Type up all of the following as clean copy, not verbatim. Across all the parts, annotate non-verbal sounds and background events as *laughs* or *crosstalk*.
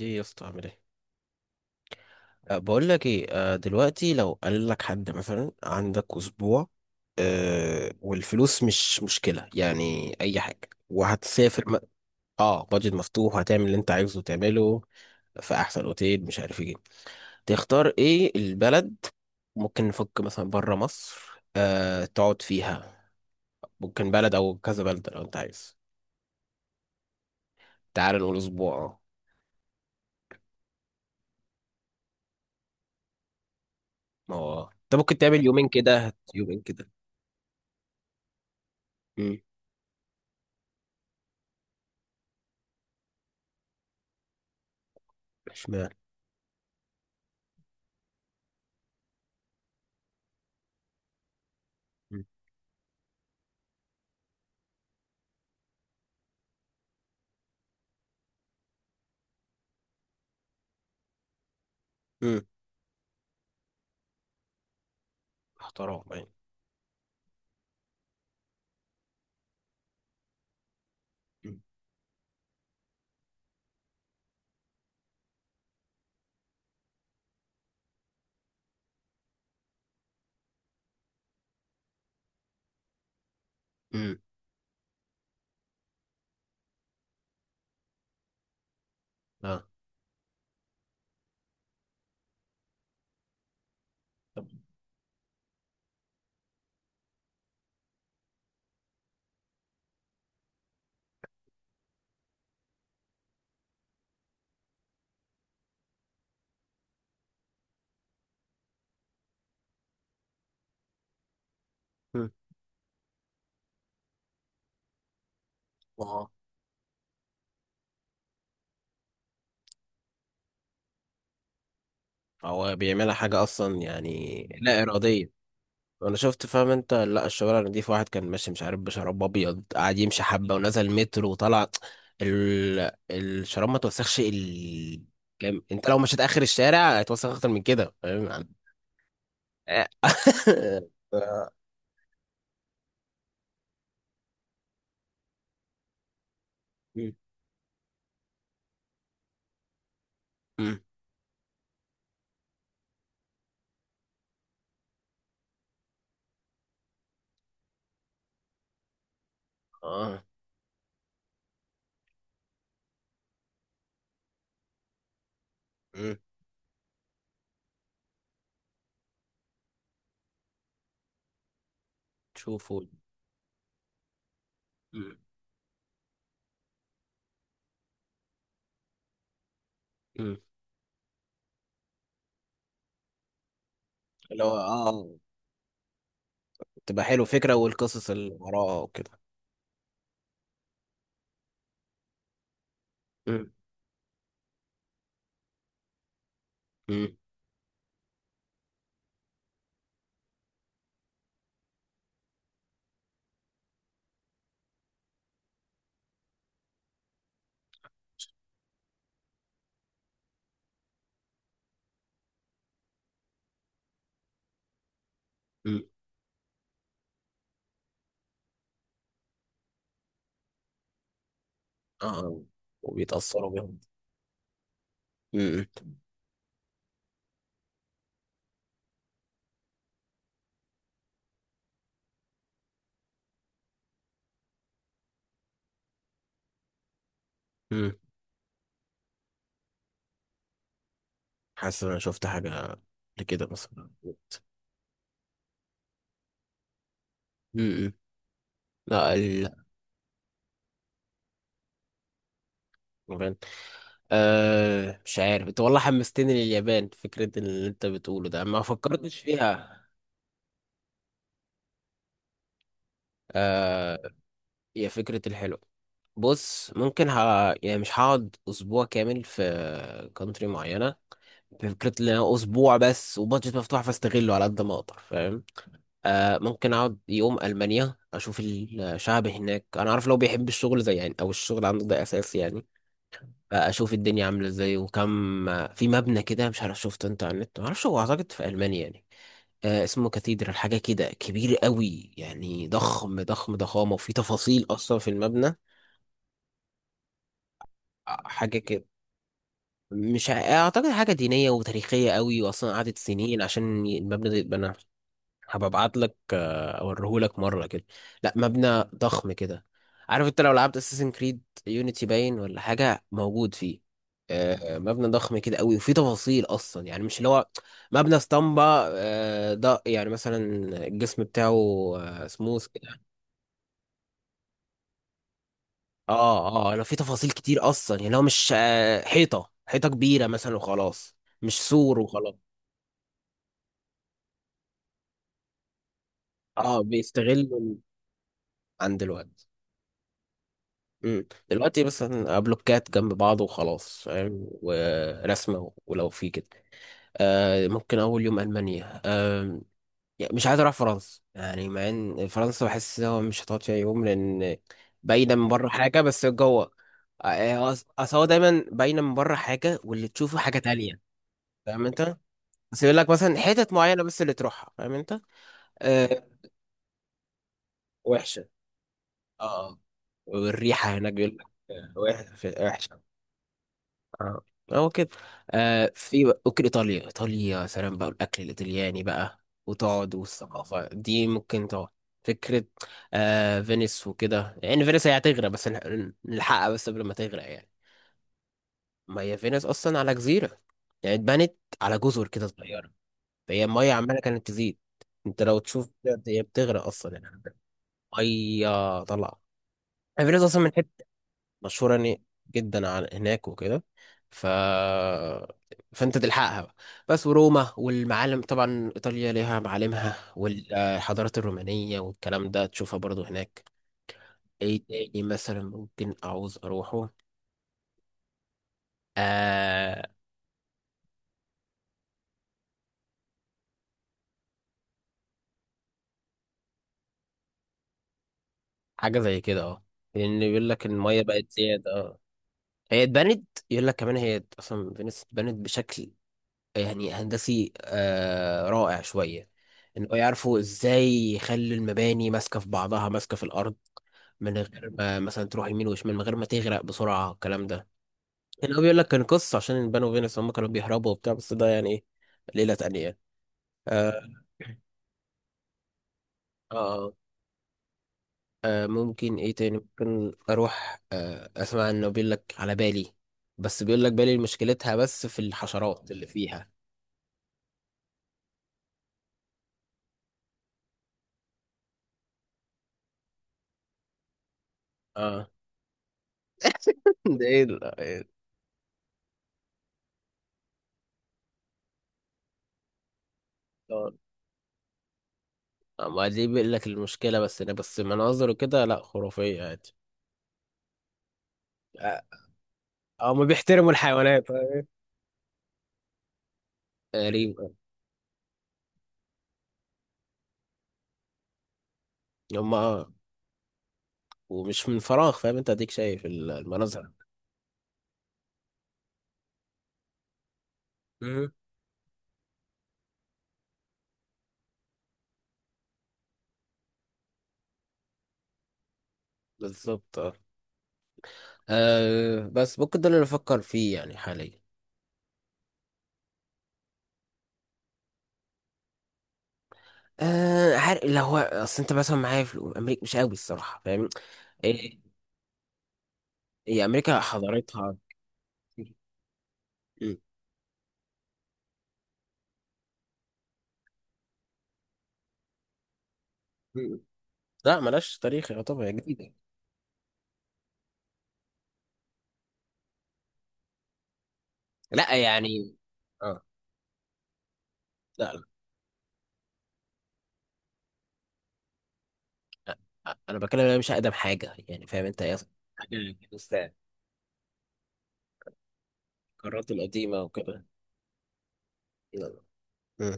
ايه يا اسطى عامل ايه؟ بقول لك ايه. دلوقتي لو قال لك حد مثلا عندك اسبوع، والفلوس مش مشكله، يعني اي حاجه وهتسافر اه، بادجت مفتوح هتعمل اللي انت عايزه تعمله في احسن اوتيل مش عارف ايه، تختار ايه البلد؟ ممكن نفك مثلا بره مصر، تقعد فيها، ممكن بلد او كذا بلد لو انت عايز. تعال نقول اسبوع اه. ما هو انت ممكن تعمل يومين كده يومين كده. امم. اشمعنى؟ مم. احترام يعني. مم. امم. اه. امم. ما هو بيعملها حاجة أصلا يعني لا إرادية. أنا شفت، فاهم أنت؟ لا، الشوارع نضيف، واحد كان ماشي مش عارف بشراب أبيض قاعد يمشي حبة ونزل مترو وطلع، الشراب ما توسخش كام. أنت لو مشيت آخر الشارع هيتوسخ أكتر من كده، فاهم يعني. آه. *laughs* آه. مم. مم. آه. مم. شوفوا. مم. مم. اللي هو تبقى حلو فكرة، والقصص اللي وراها وكده. مم. مم. مم. اه، وبيتأثروا بيهم. مم. مم. حاسس ان انا شفت حاجه لكده مثلا. مم. لا، اليابان. مش عارف، انت والله حمستني لليابان، فكرة اللي انت بتقوله ده ما فكرتش فيها. آه هي فكرة الحلو. بص ممكن يعني مش هقعد اسبوع كامل في كونتري معينة. فكرة ان انا اسبوع بس وبادجت مفتوح فاستغله على قد ما اقدر، فاهم. ممكن اقعد يوم المانيا، اشوف الشعب هناك انا عارف لو بيحب الشغل زي يعني، او الشغل عنده ده اساس يعني. فاشوف الدنيا عامله ازاي وكم. في مبنى كده مش عارف شفته انت على النت، ما اعرفش هو اعتقد في المانيا يعني. اسمه كاتيدرال حاجه كده، كبير قوي يعني، ضخم ضخم ضخامه، وفي تفاصيل اصلا في المبنى. حاجه كده. مش ع- اعتقد حاجه دينيه وتاريخيه قوي، واصلا قعدت سنين عشان المبنى ده يتبنى. هبقى ابعت لك اوريهولك مره كده. لا، مبنى ضخم كده. عارف انت لو لعبت اساسن كريد يونيتي، باين ولا حاجه موجود فيه. مبنى ضخم كده قوي، وفيه تفاصيل اصلا يعني، مش اللي هو مبنى اسطمبه. ده يعني مثلا الجسم بتاعه سموث كده. اه اه، لو فيه تفاصيل كتير اصلا يعني هو مش حيطه حيطه كبيره مثلا وخلاص، مش سور وخلاص. اه، بيستغلوا عن دلوقتي. مم. دلوقتي مثلا بلوكات جنب بعض وخلاص، فاهم، ورسمة ولو في كده. ممكن أول يوم ألمانيا يعني مش عايز أروح فرنسا يعني، مع إن فرنسا بحس إن هو مش هتقعد فيها يوم، لأن باينة من بره حاجة بس جوه. أصل هو دايما باينة من بره حاجة واللي تشوفه حاجة تانية، فاهم أنت؟ بس يقول لك مثلا حتت معينة بس اللي تروحها، فاهم أنت؟ آه. وحشة. اه. والريحة هناك بيقول لك وحشة. اه. هو كده. ممكن ايطاليا، ايطاليا يا سلام بقى، الاكل الايطالياني بقى، وتقعد، والثقافه دي ممكن تقعد. فكره. فينيس وكده يعني، فينيس هي هتغرق، بس نلحقها بس قبل ما تغرق يعني. ما هي فينيس اصلا على جزيره، يعني اتبنت على جزر كده صغيره، فهي الميه عماله كانت تزيد. انت لو تشوف بجد هي بتغرق اصلا يعني. ميه طلع. يعني فينيس اصلا من مشهورة يعني جدا عن هناك وكده، ف فانت تلحقها بقى. بس وروما والمعالم، طبعا ايطاليا ليها معالمها والحضارات الرومانية والكلام ده تشوفها برضو هناك. ايه تاني مثلا ممكن اعوز اروحه. آه. حاجة زي كده اه. لان يقول لك المية بقت زيادة اه. هي اتبنت يقول لك كمان، هي اصلا فينيس اتبنت بشكل يعني هندسي رائع شوية، ان هو يعرفوا ازاي يخلي المباني ماسكة في بعضها، ماسكة في الارض من غير ما مثلا تروح يمين وشمال، من غير ما تغرق بسرعة الكلام ده. هنا هو بيقول لك كان قصة عشان البنو فينوس هم كانوا بيهربوا وبتاع، بس ده يعني ايه، ليلة تانية يعني. آه, آه, ممكن ايه تاني، ممكن اروح اسمع انه بيقول لك على بالي، بس بيقول لك بالي مشكلتها بس في الحشرات اللي فيها. اه. *laughs* ده ايه ما دي بيقول لك المشكلة بس، إن بس مناظر وكده لا، خرافية عادي. آه، هما بيحترموا الحيوانات. غريب. هما اه. ومش من فراغ فاهم انت، اديك شايف المناظر. مم. بالظبط اه. بس ممكن ده اللي بفكر فيه يعني حاليا. عارف لو هو اصل انت مثلا معايا في امريكا مش قوي الصراحة، فاهم. ايه. هي امريكا حضارتها. م- م- لا ملاش تاريخ يعتبر، هي جديدة. لا يعني. اه. لا. انا بتكلم إن انا مش اقدم حاجه يعني، فاهم انت يا. حاجه لسه القارات القديمه وكده. يلا. مم.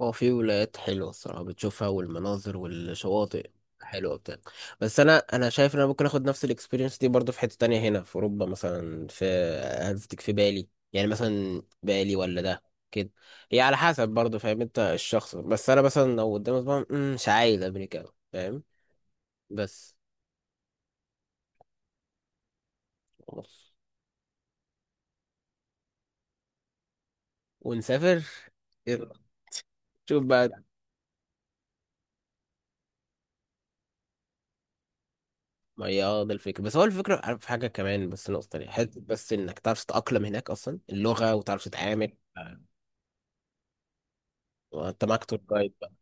هو في ولايات حلوه الصراحه بتشوفها، والمناظر والشواطئ حلوه بتاع. بس انا شايف ان انا ممكن اخد نفس الاكسبيرينس دي برضه في حته تانية هنا في اوروبا مثلا في. قصدك في بالي يعني مثلا، بالي ولا ده كده. هي على حسب برضه، فاهم انت، الشخص بس انا مثلا لو قدامي طبعا مش عايز امريكا أوي، فاهم. بس. خلاص. ونسافر. يلا. شوف بقى. ما هي اه، ده الفكرة، بس هو الفكرة، عارف في حاجة كمان بس، نقطة تانية حتة، بس انك تعرف تتأقلم هناك اصلا اللغة، وتعرف تتعامل. وانت معاك تور جايد بقى.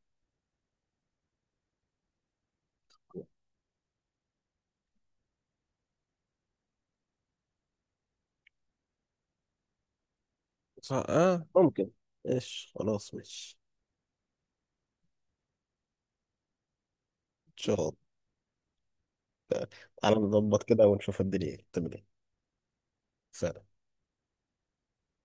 صح اه، ممكن. ايش خلاص مش. ان شاء الله. تعالى نظبط كده ونشوف الدنيا تمام.